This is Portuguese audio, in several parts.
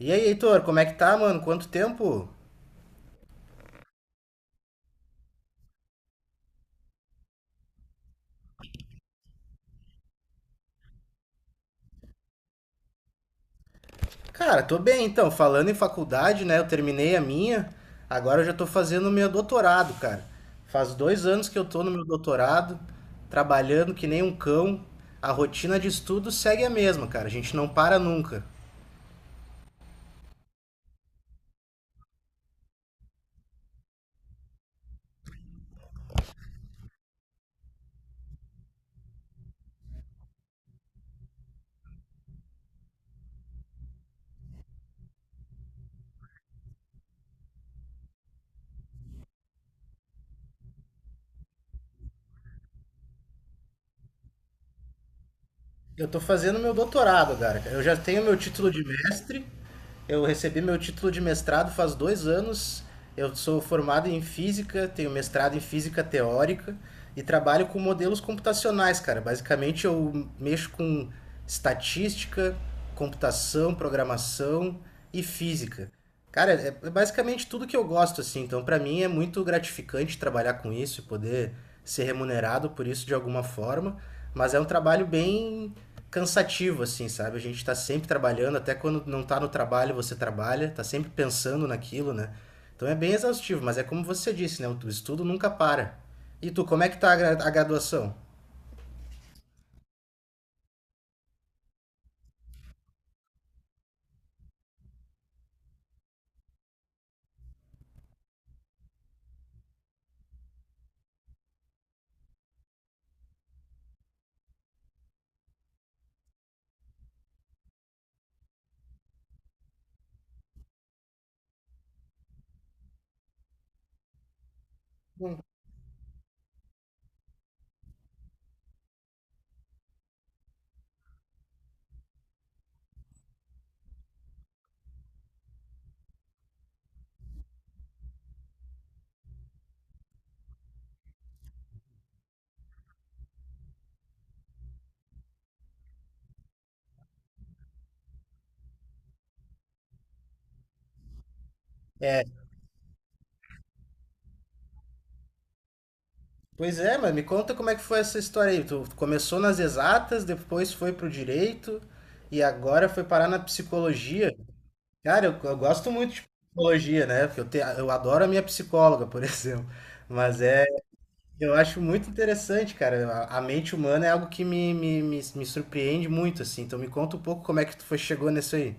E aí, Heitor, como é que tá, mano? Quanto tempo? Cara, tô bem então. Falando em faculdade, né? Eu terminei a minha, agora eu já tô fazendo o meu doutorado, cara. Faz 2 anos que eu tô no meu doutorado, trabalhando que nem um cão. A rotina de estudo segue a mesma, cara. A gente não para nunca. Eu tô fazendo meu doutorado, cara. Eu já tenho meu título de mestre. Eu recebi meu título de mestrado faz 2 anos. Eu sou formado em física, tenho mestrado em física teórica e trabalho com modelos computacionais, cara. Basicamente, eu mexo com estatística, computação, programação e física. Cara, é basicamente tudo que eu gosto, assim. Então, pra mim é muito gratificante trabalhar com isso e poder ser remunerado por isso de alguma forma. Mas é um trabalho bem cansativo, assim, sabe? A gente tá sempre trabalhando, até quando não tá no trabalho, você trabalha, tá sempre pensando naquilo, né? Então é bem exaustivo, mas é como você disse, né? O estudo nunca para. E tu, como é que tá a graduação? Pois é, mas me conta como é que foi essa história aí. Tu começou nas exatas, depois foi pro direito e agora foi parar na psicologia. Cara, eu gosto muito de psicologia, né? Porque eu adoro a minha psicóloga, por exemplo. Mas é, eu acho muito interessante, cara. A mente humana é algo que me surpreende muito, assim. Então me conta um pouco como é que tu foi, chegou nisso aí.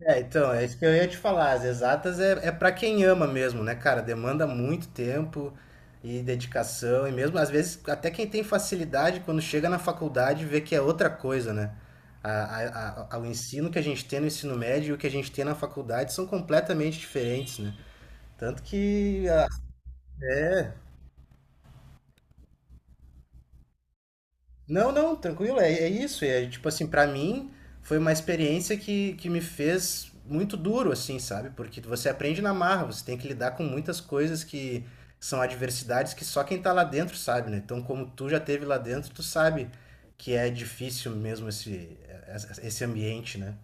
É, então, é isso que eu ia te falar. As exatas é para quem ama mesmo, né, cara? Demanda muito tempo e dedicação, e mesmo às vezes, até quem tem facilidade, quando chega na faculdade, vê que é outra coisa, né? O ensino que a gente tem no ensino médio e o que a gente tem na faculdade são completamente diferentes, né? Tanto que é, Não, não, tranquilo, é isso. É, tipo assim, pra mim foi uma experiência que me fez muito duro, assim, sabe? Porque você aprende na marra, você tem que lidar com muitas coisas que são adversidades que só quem tá lá dentro sabe, né? Então, como tu já teve lá dentro, tu sabe que é difícil mesmo esse ambiente, né?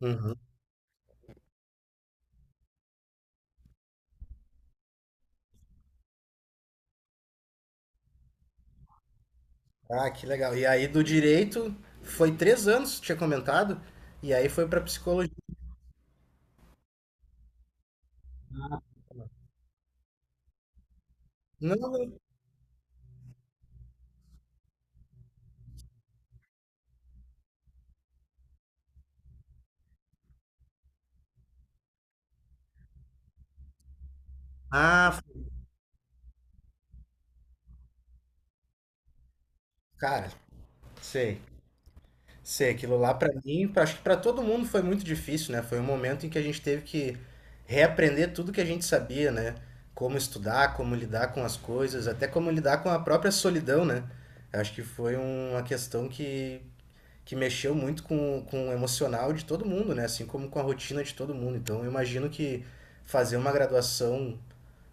Uhum. Ah, que legal. E aí do direito foi 3 anos, tinha comentado, e aí foi pra psicologia. Não, não. Ah, cara, sei. Sei, aquilo lá pra mim, acho que pra todo mundo foi muito difícil, né? Foi um momento em que a gente teve que reaprender tudo que a gente sabia, né? Como estudar, como lidar com as coisas, até como lidar com a própria solidão, né? Acho que foi uma questão que mexeu muito com o emocional de todo mundo, né? Assim como com a rotina de todo mundo. Então, eu imagino que fazer uma graduação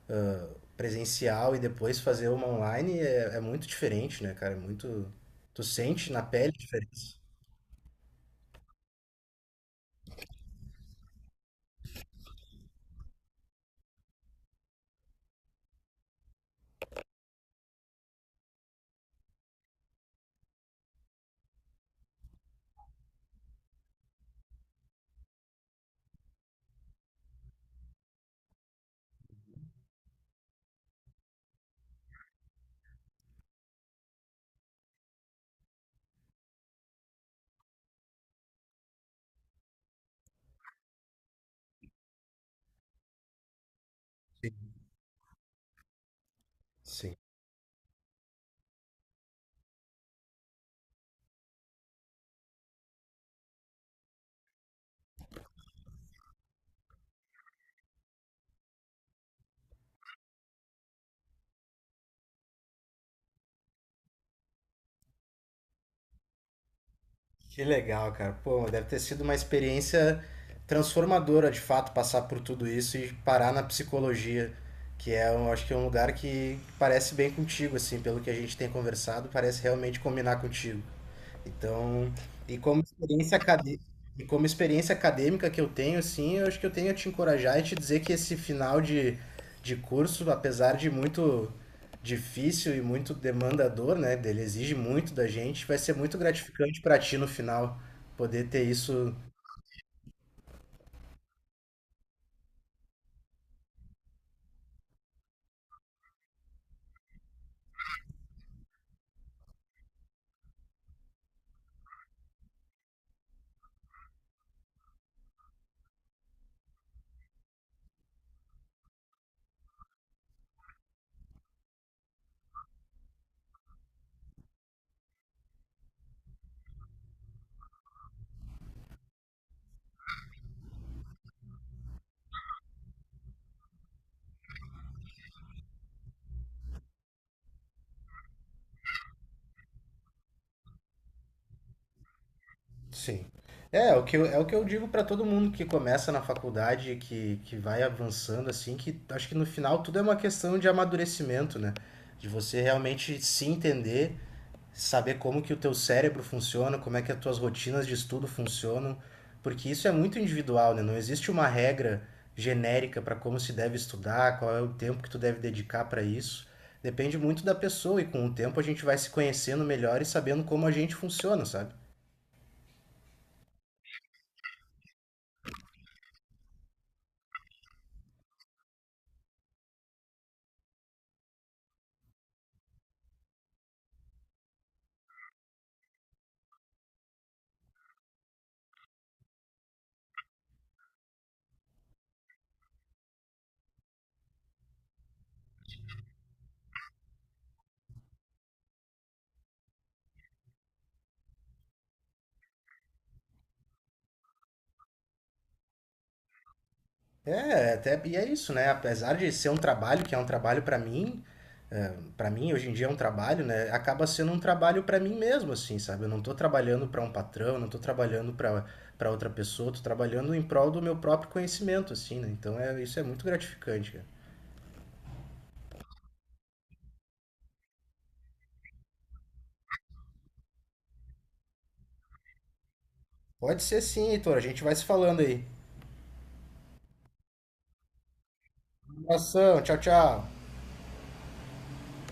presencial e depois fazer uma online é muito diferente, né, cara? É muito. Tu sente na pele a diferença. Sim. Que legal, cara. Pô, deve ter sido uma experiência transformadora, de fato, passar por tudo isso e parar na psicologia, que é, eu acho que é um lugar que parece bem contigo, assim, pelo que a gente tem conversado, parece realmente combinar contigo. Então, e como experiência acadê- e como experiência acadêmica que eu tenho, sim eu acho que eu tenho a te encorajar e te dizer que esse final de curso, apesar de muito difícil e muito demandador, né, dele exige muito da gente, vai ser muito gratificante para ti no final poder ter isso. Sim. É o que eu digo para todo mundo que começa na faculdade, que vai avançando, assim, que acho que no final tudo é uma questão de amadurecimento, né? De você realmente se entender, saber como que o teu cérebro funciona, como é que as tuas rotinas de estudo funcionam, porque isso é muito individual, né? Não existe uma regra genérica para como se deve estudar, qual é o tempo que tu deve dedicar para isso. Depende muito da pessoa e com o tempo a gente vai se conhecendo melhor e sabendo como a gente funciona, sabe? É, até, e é isso, né? Apesar de ser um trabalho, que é um trabalho pra mim, para mim hoje em dia é um trabalho, né? Acaba sendo um trabalho pra mim mesmo, assim, sabe? Eu não tô trabalhando pra um patrão, não tô trabalhando pra para outra pessoa, tô trabalhando em prol do meu próprio conhecimento, assim, né? Então isso é muito gratificante, cara. Pode ser sim, Heitor, a gente vai se falando aí. Um abração, tchau, tchau.